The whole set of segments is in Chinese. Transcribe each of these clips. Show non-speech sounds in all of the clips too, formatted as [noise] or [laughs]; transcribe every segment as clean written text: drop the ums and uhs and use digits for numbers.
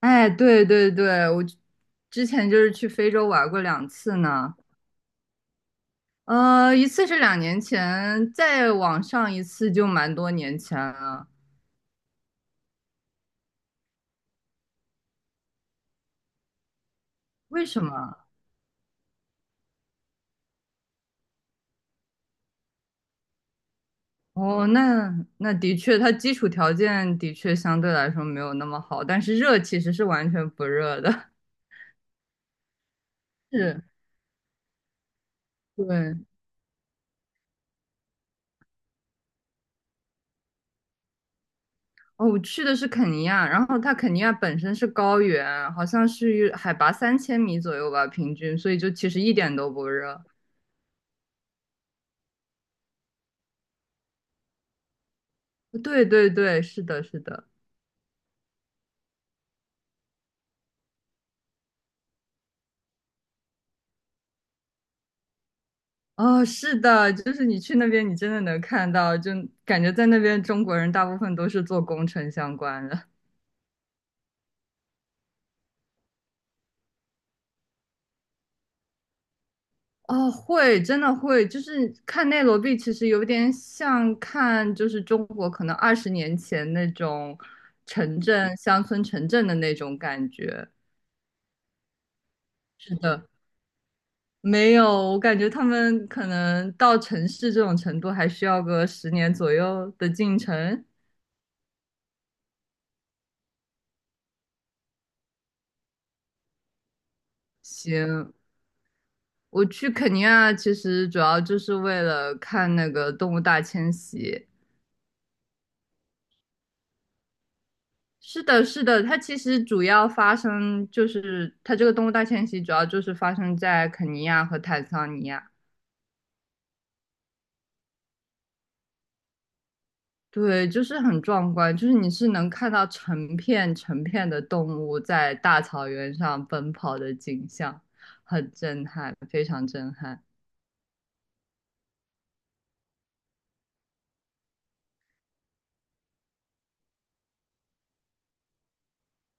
哎，对对对，我之前就是去非洲玩过2次呢，一次是2年前，再往上一次就蛮多年前了。为什么？哦，那那的确，它基础条件的确相对来说没有那么好，但是热其实是完全不热的。[laughs] 是，对。哦，我去的是肯尼亚，然后它肯尼亚本身是高原，好像是海拔3000米左右吧，平均，所以就其实一点都不热。对对对，是的，是的。哦，是的，就是你去那边，你真的能看到，就感觉在那边中国人大部分都是做工程相关的。哦，会，真的会，就是看内罗毕，其实有点像看就是中国可能20年前那种城镇、乡村城镇的那种感觉。是的，没有，我感觉他们可能到城市这种程度，还需要个十年左右的进程。行，我去肯尼亚其实主要就是为了看那个动物大迁徙。是的，是的，它其实主要发生就是它这个动物大迁徙主要就是发生在肯尼亚和坦桑尼亚。对，就是很壮观，就是你是能看到成片成片的动物在大草原上奔跑的景象，很震撼，非常震撼。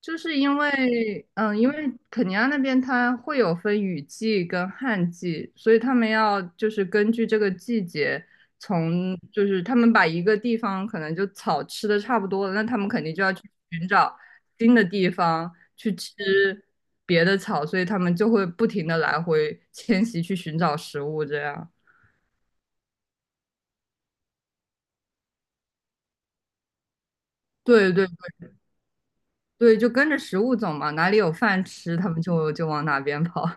就是因为，嗯，因为肯尼亚那边它会有分雨季跟旱季，所以他们要就是根据这个季节，从就是他们把一个地方可能就草吃的差不多了，那他们肯定就要去寻找新的地方去吃别的草，所以他们就会不停的来回迁徙去寻找食物，这样。对对对，就跟着食物走嘛，哪里有饭吃，他们就往哪边跑。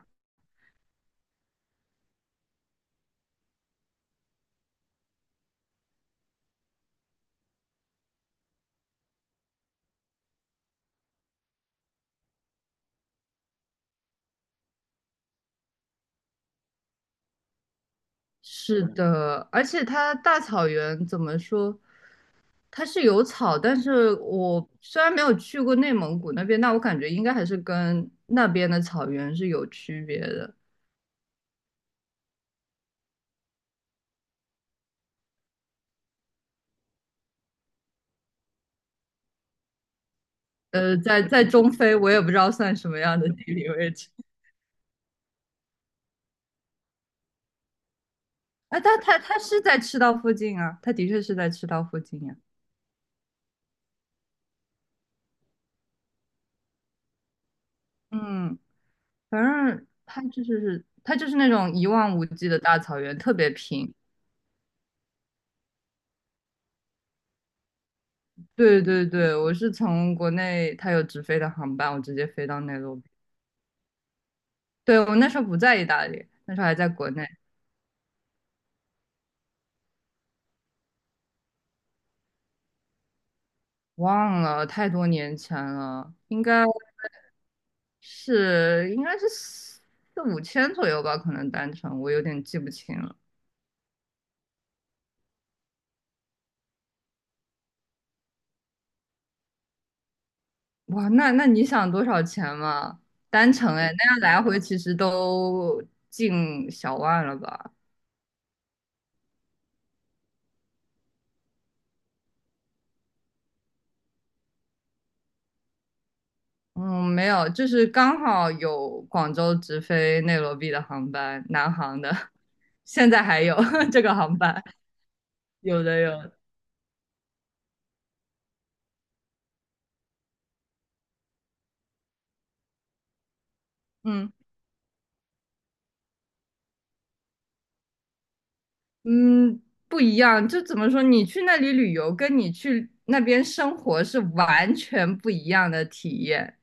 是的，而且它大草原怎么说？它是有草，但是我虽然没有去过内蒙古那边，但我感觉应该还是跟那边的草原是有区别的。在中非，我也不知道算什么样的地理位置。啊，但它是在赤道附近啊，它的确是在赤道附近呀、嗯，反正它就是那种一望无际的大草原，特别平。对对对，我是从国内它有直飞的航班，我直接飞到内陆。对，我那时候不在意大利，那时候还在国内，忘了太多年前了，应该是4、5千左右吧，可能单程，我有点记不清了。哇，那那你想多少钱嘛？单程哎，那样来回其实都近小万了吧？嗯，没有，就是刚好有广州直飞内罗毕的航班，南航的，[laughs] 现在还有 [laughs] 这个航班，有的有的嗯。嗯，不一样，就怎么说？你去那里旅游，跟你去那边生活是完全不一样的体验。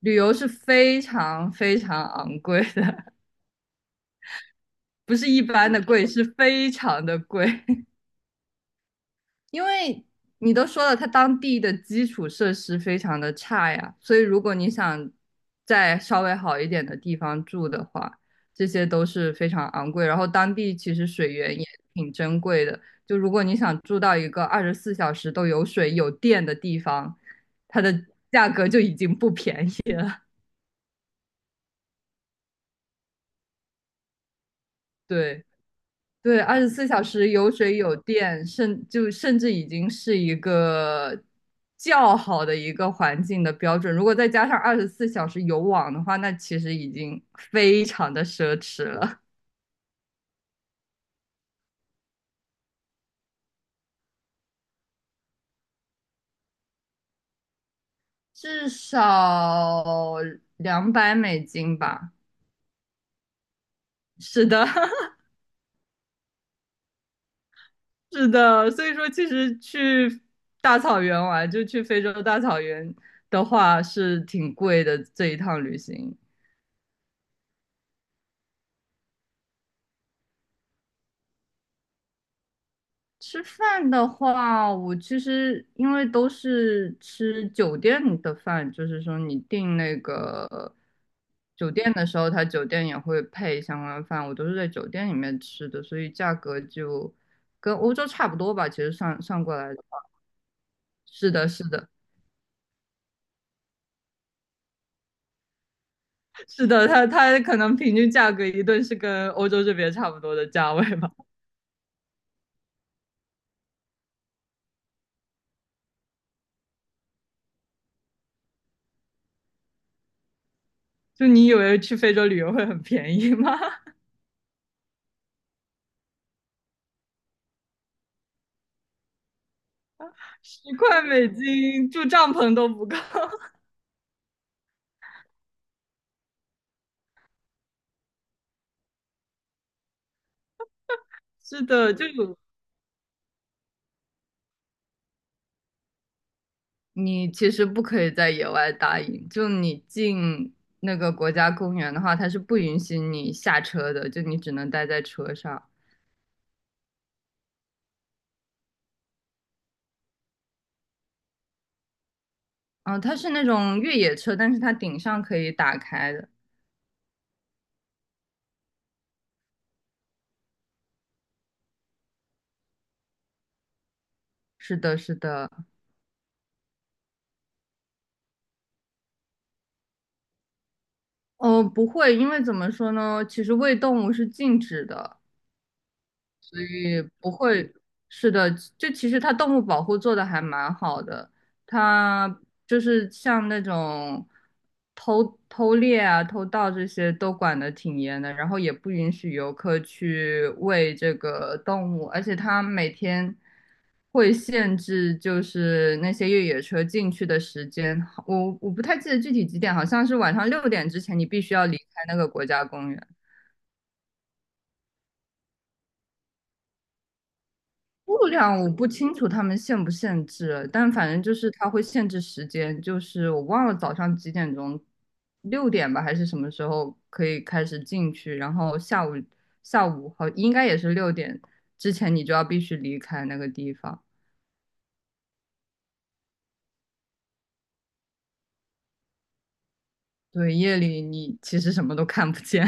旅游是非常非常昂贵的，[laughs] 不是一般的贵，是非常的贵。因为你都说了，它当地的基础设施非常的差呀，所以如果你想在稍微好一点的地方住的话，这些都是非常昂贵。然后当地其实水源也挺珍贵的，就如果你想住到一个二十四小时都有水有电的地方，它的价格就已经不便宜了。对。对，二十四小时有水有电，甚至已经是一个较好的一个环境的标准。如果再加上二十四小时有网的话，那其实已经非常的奢侈了，至少200美金吧。是的，[laughs] 是的。所以说，其实去大草原玩，就去非洲大草原的话，是挺贵的这一趟旅行。吃饭的话，我其实因为都是吃酒店的饭，就是说你订那个酒店的时候，他酒店也会配相关饭，我都是在酒店里面吃的，所以价格就跟欧洲差不多吧。其实算算过来的话是的，是的，是的，它它可能平均价格一顿是跟欧洲这边差不多的价位吧。就你以为去非洲旅游会很便宜吗？[laughs] 10块美金住帐篷都不够。[laughs] 是的，就有你其实不可以在野外搭营，就你进那个国家公园的话，它是不允许你下车的，就你只能待在车上。嗯、它是那种越野车，但是它顶上可以打开的。是的，是的。哦，不会，因为怎么说呢？其实喂动物是禁止的，也不会，是的，就其实它动物保护做的还蛮好的，它就是像那种偷偷猎啊、偷盗这些都管得挺严的，然后也不允许游客去喂这个动物，而且它每天会限制就是那些越野车进去的时间，我不太记得具体几点，好像是晚上6点之前你必须要离开那个国家公园。数量我不清楚他们限不限制，但反正就是他会限制时间，就是我忘了早上几点钟，六点吧还是什么时候可以开始进去，然后下午好应该也是六点之前你就要必须离开那个地方。对，夜里你其实什么都看不见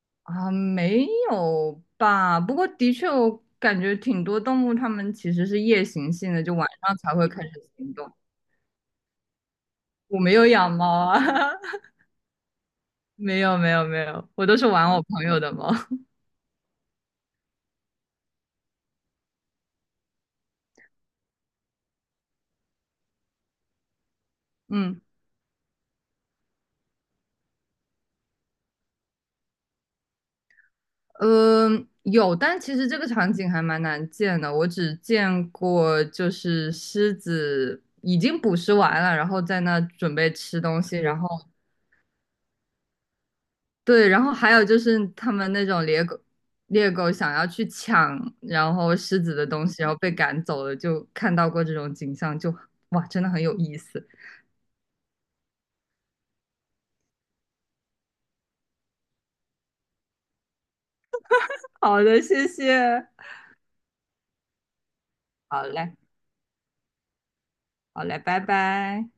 [laughs] 啊，没有吧？不过的确我感觉挺多动物它们其实是夜行性的，就晚上才会开始行动。我没有养猫啊。[laughs] 没有没有没有，我都是玩我朋友的猫。[laughs] 嗯，呃，有，但其实这个场景还蛮难见的。我只见过就是狮子已经捕食完了，然后在那准备吃东西，然后对，然后还有就是他们那种猎狗，猎狗想要去抢，然后狮子的东西，然后被赶走了，就看到过这种景象，就哇，真的很有意思。好的，谢谢。好嘞，好嘞，拜拜。